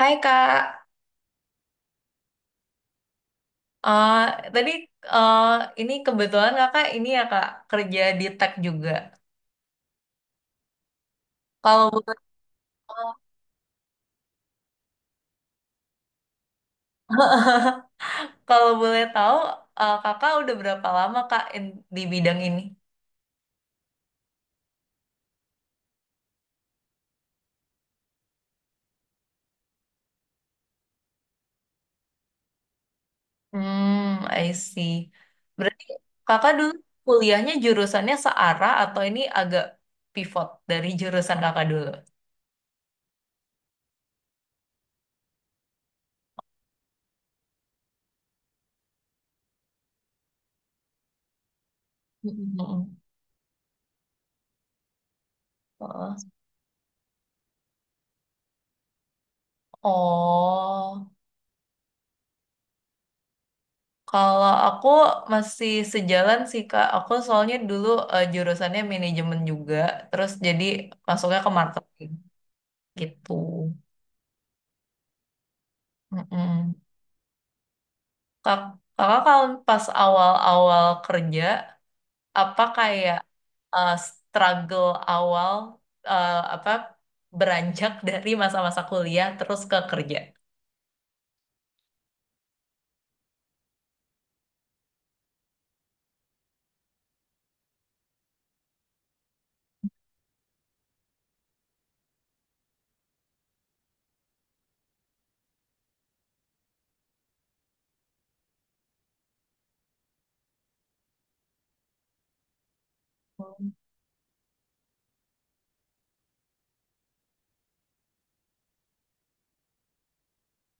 Hai Kak. Eh Tadi, eh ini kebetulan Kakak ini ya Kak kerja di tech juga. Kalau boleh tahu, kalau boleh tahu, Kakak udah berapa lama Kak di bidang ini? Hmm, I see. Berarti Kakak dulu kuliahnya jurusannya searah atau ini agak pivot dari jurusan Kakak dulu? Mm-mm. Oh. Kalau aku masih sejalan sih Kak. Aku soalnya dulu, jurusannya manajemen juga, terus jadi masuknya ke marketing gitu. Mm-mm. Kak, kakak kalau pas awal-awal kerja, apa kayak struggle awal, apa beranjak dari masa-masa kuliah terus ke kerja? Hmm.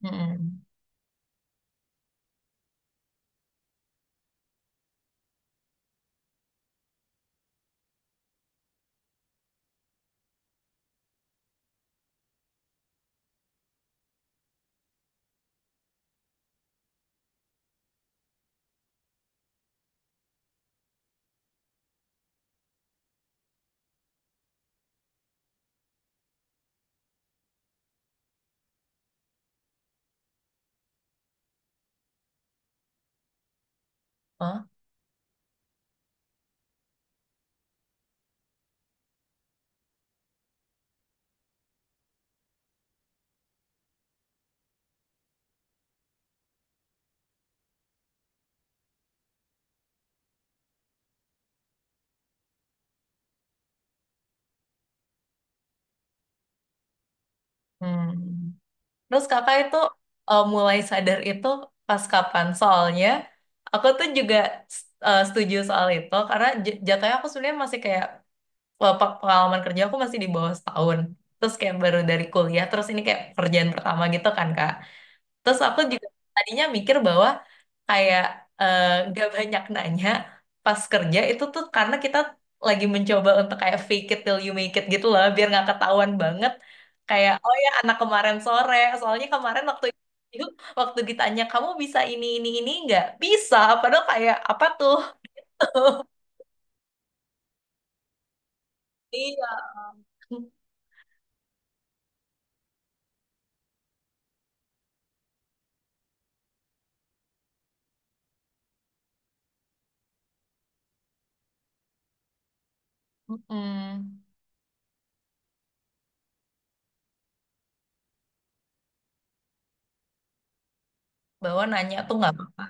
Mm-mm. Hah? Hmm. Terus kakak itu mulai sadar itu pas kapan? Soalnya aku tuh juga setuju soal itu karena jatuhnya aku sebenarnya masih kayak pengalaman kerja aku masih di bawah setahun. Terus kayak baru dari kuliah, terus ini kayak pekerjaan pertama gitu kan Kak. Terus aku juga tadinya mikir bahwa kayak eh, gak banyak nanya pas kerja itu tuh karena kita lagi mencoba untuk kayak fake it till you make it gitu lah biar nggak ketahuan banget, kayak oh ya anak kemarin sore, soalnya kemarin waktu itu waktu ditanya kamu bisa ini nggak bisa padahal kayak apa tuh. Iya. Mm-mm. Bahwa nanya tuh nggak apa-apa.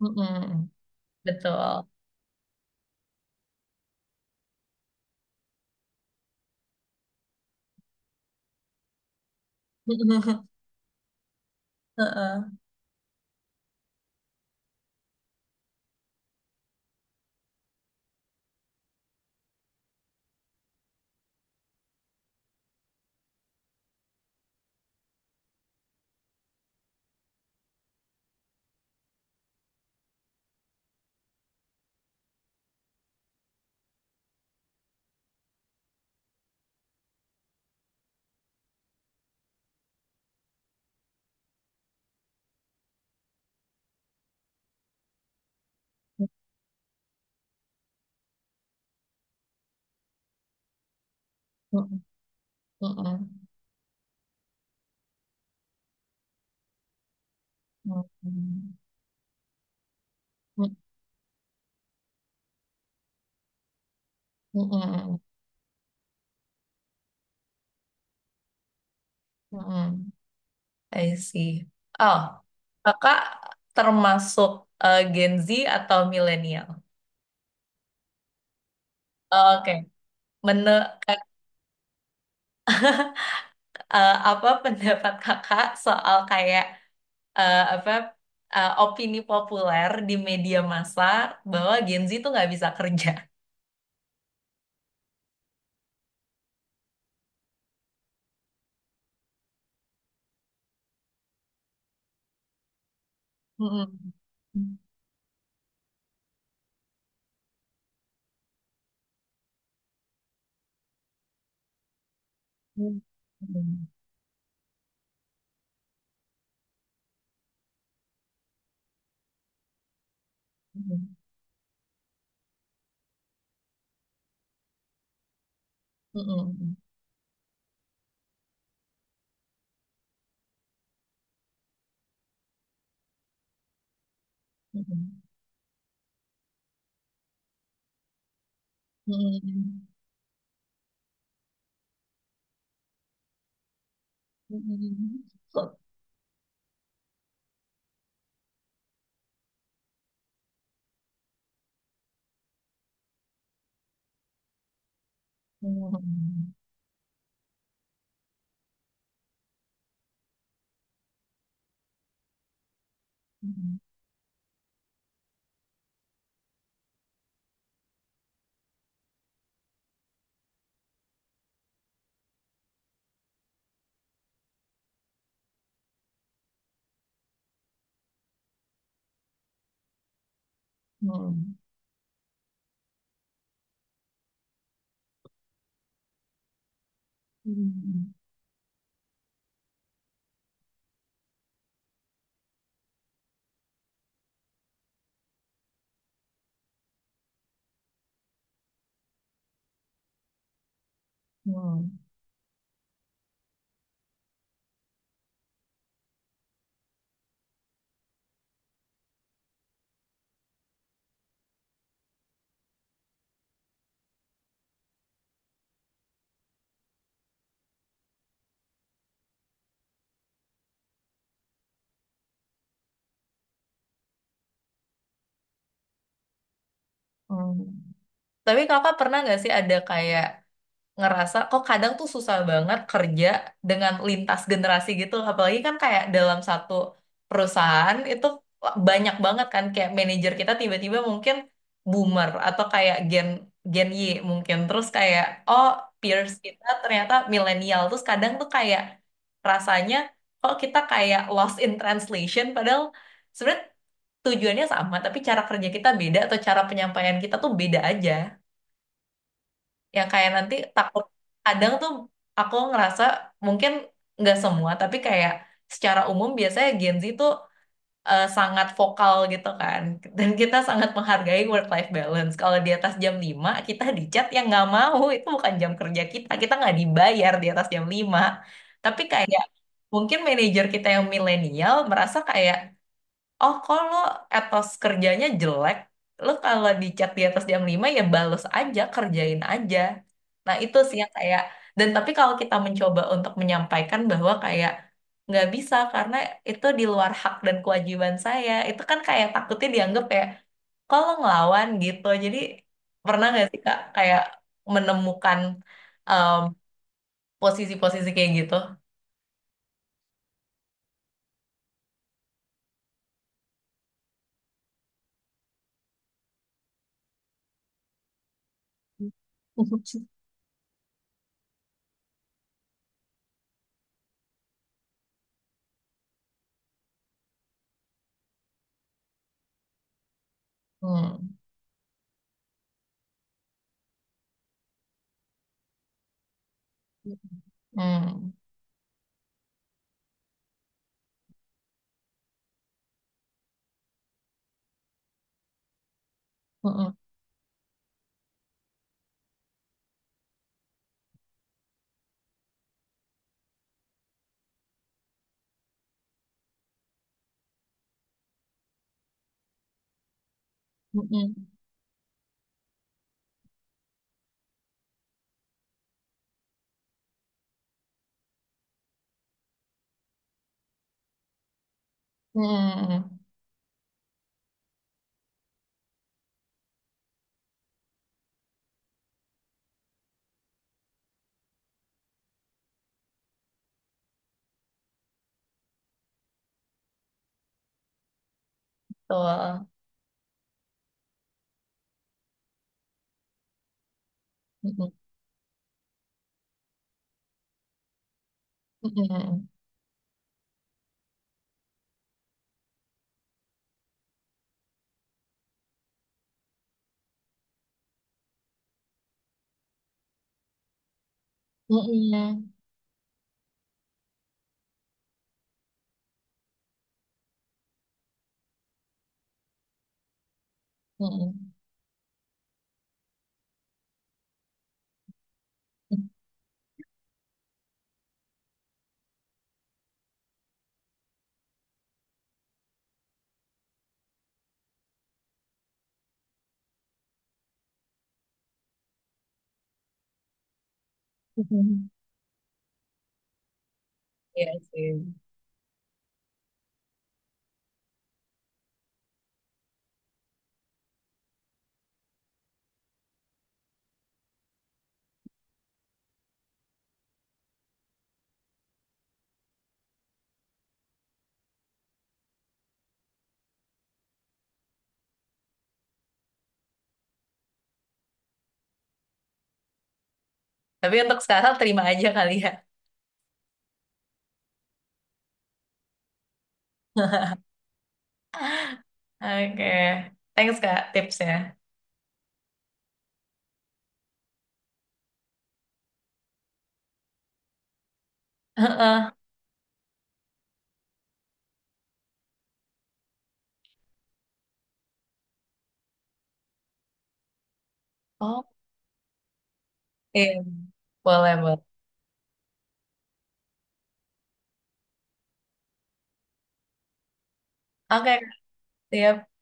Mm-mm. Betul. Heeh. Mm-mm. Mm-mm. Mm-mm. Mm-mm. Mm-mm. I see. Oh, kakak termasuk Gen Z atau milenial? Oke. Menu, apa pendapat kakak soal kayak apa opini populer di media massa bahwa Gen Z itu nggak bisa kerja? Mm-mm. Mm-mm. Mm-mm. Mm-mm. Mm-mm. Mm-mm. Mm-mm. Mm-mm. Mm-mm. Mm-mm. Mm-mm. Mm-mm. Mm-mm. Tapi kakak pernah nggak sih ada kayak ngerasa kok kadang tuh susah banget kerja dengan lintas generasi gitu, apalagi kan kayak dalam satu perusahaan itu banyak banget kan, kayak manajer kita tiba-tiba mungkin boomer atau kayak gen gen Y mungkin, terus kayak oh peers kita ternyata milenial, terus kadang tuh kayak rasanya kok kita kayak lost in translation, padahal sebenarnya tujuannya sama tapi cara kerja kita beda atau cara penyampaian kita tuh beda aja, yang kayak nanti takut. Kadang tuh aku ngerasa, mungkin nggak semua tapi kayak secara umum biasanya Gen Z tuh sangat vokal gitu kan, dan kita sangat menghargai work life balance. Kalau di atas jam 5 kita dicat yang nggak mau, itu bukan jam kerja kita kita nggak dibayar di atas jam 5. Tapi kayak mungkin manajer kita yang milenial merasa kayak, oh, kalau etos kerjanya jelek, lo kalau di chat di atas jam 5 ya bales aja, kerjain aja. Nah, itu sih yang kayak, dan tapi kalau kita mencoba untuk menyampaikan bahwa kayak nggak bisa karena itu di luar hak dan kewajiban saya, itu kan kayak takutnya dianggap kayak kalau ngelawan gitu. Jadi pernah nggak sih Kak kayak menemukan em, posisi-posisi kayak gitu? Hmm. Hmm. Hmm. Hmm. Hmm. Hmm. Hmm. Betul. Mm-mm. Mm-mm. Mm-mm. Mm-mm. Mm-mm. Iya sih. Tapi untuk sekarang terima aja kali ya. Oke. Thanks Kak tipsnya. Heeh. Oh, iya. Boleh, boleh. Oke, Kak. Siap.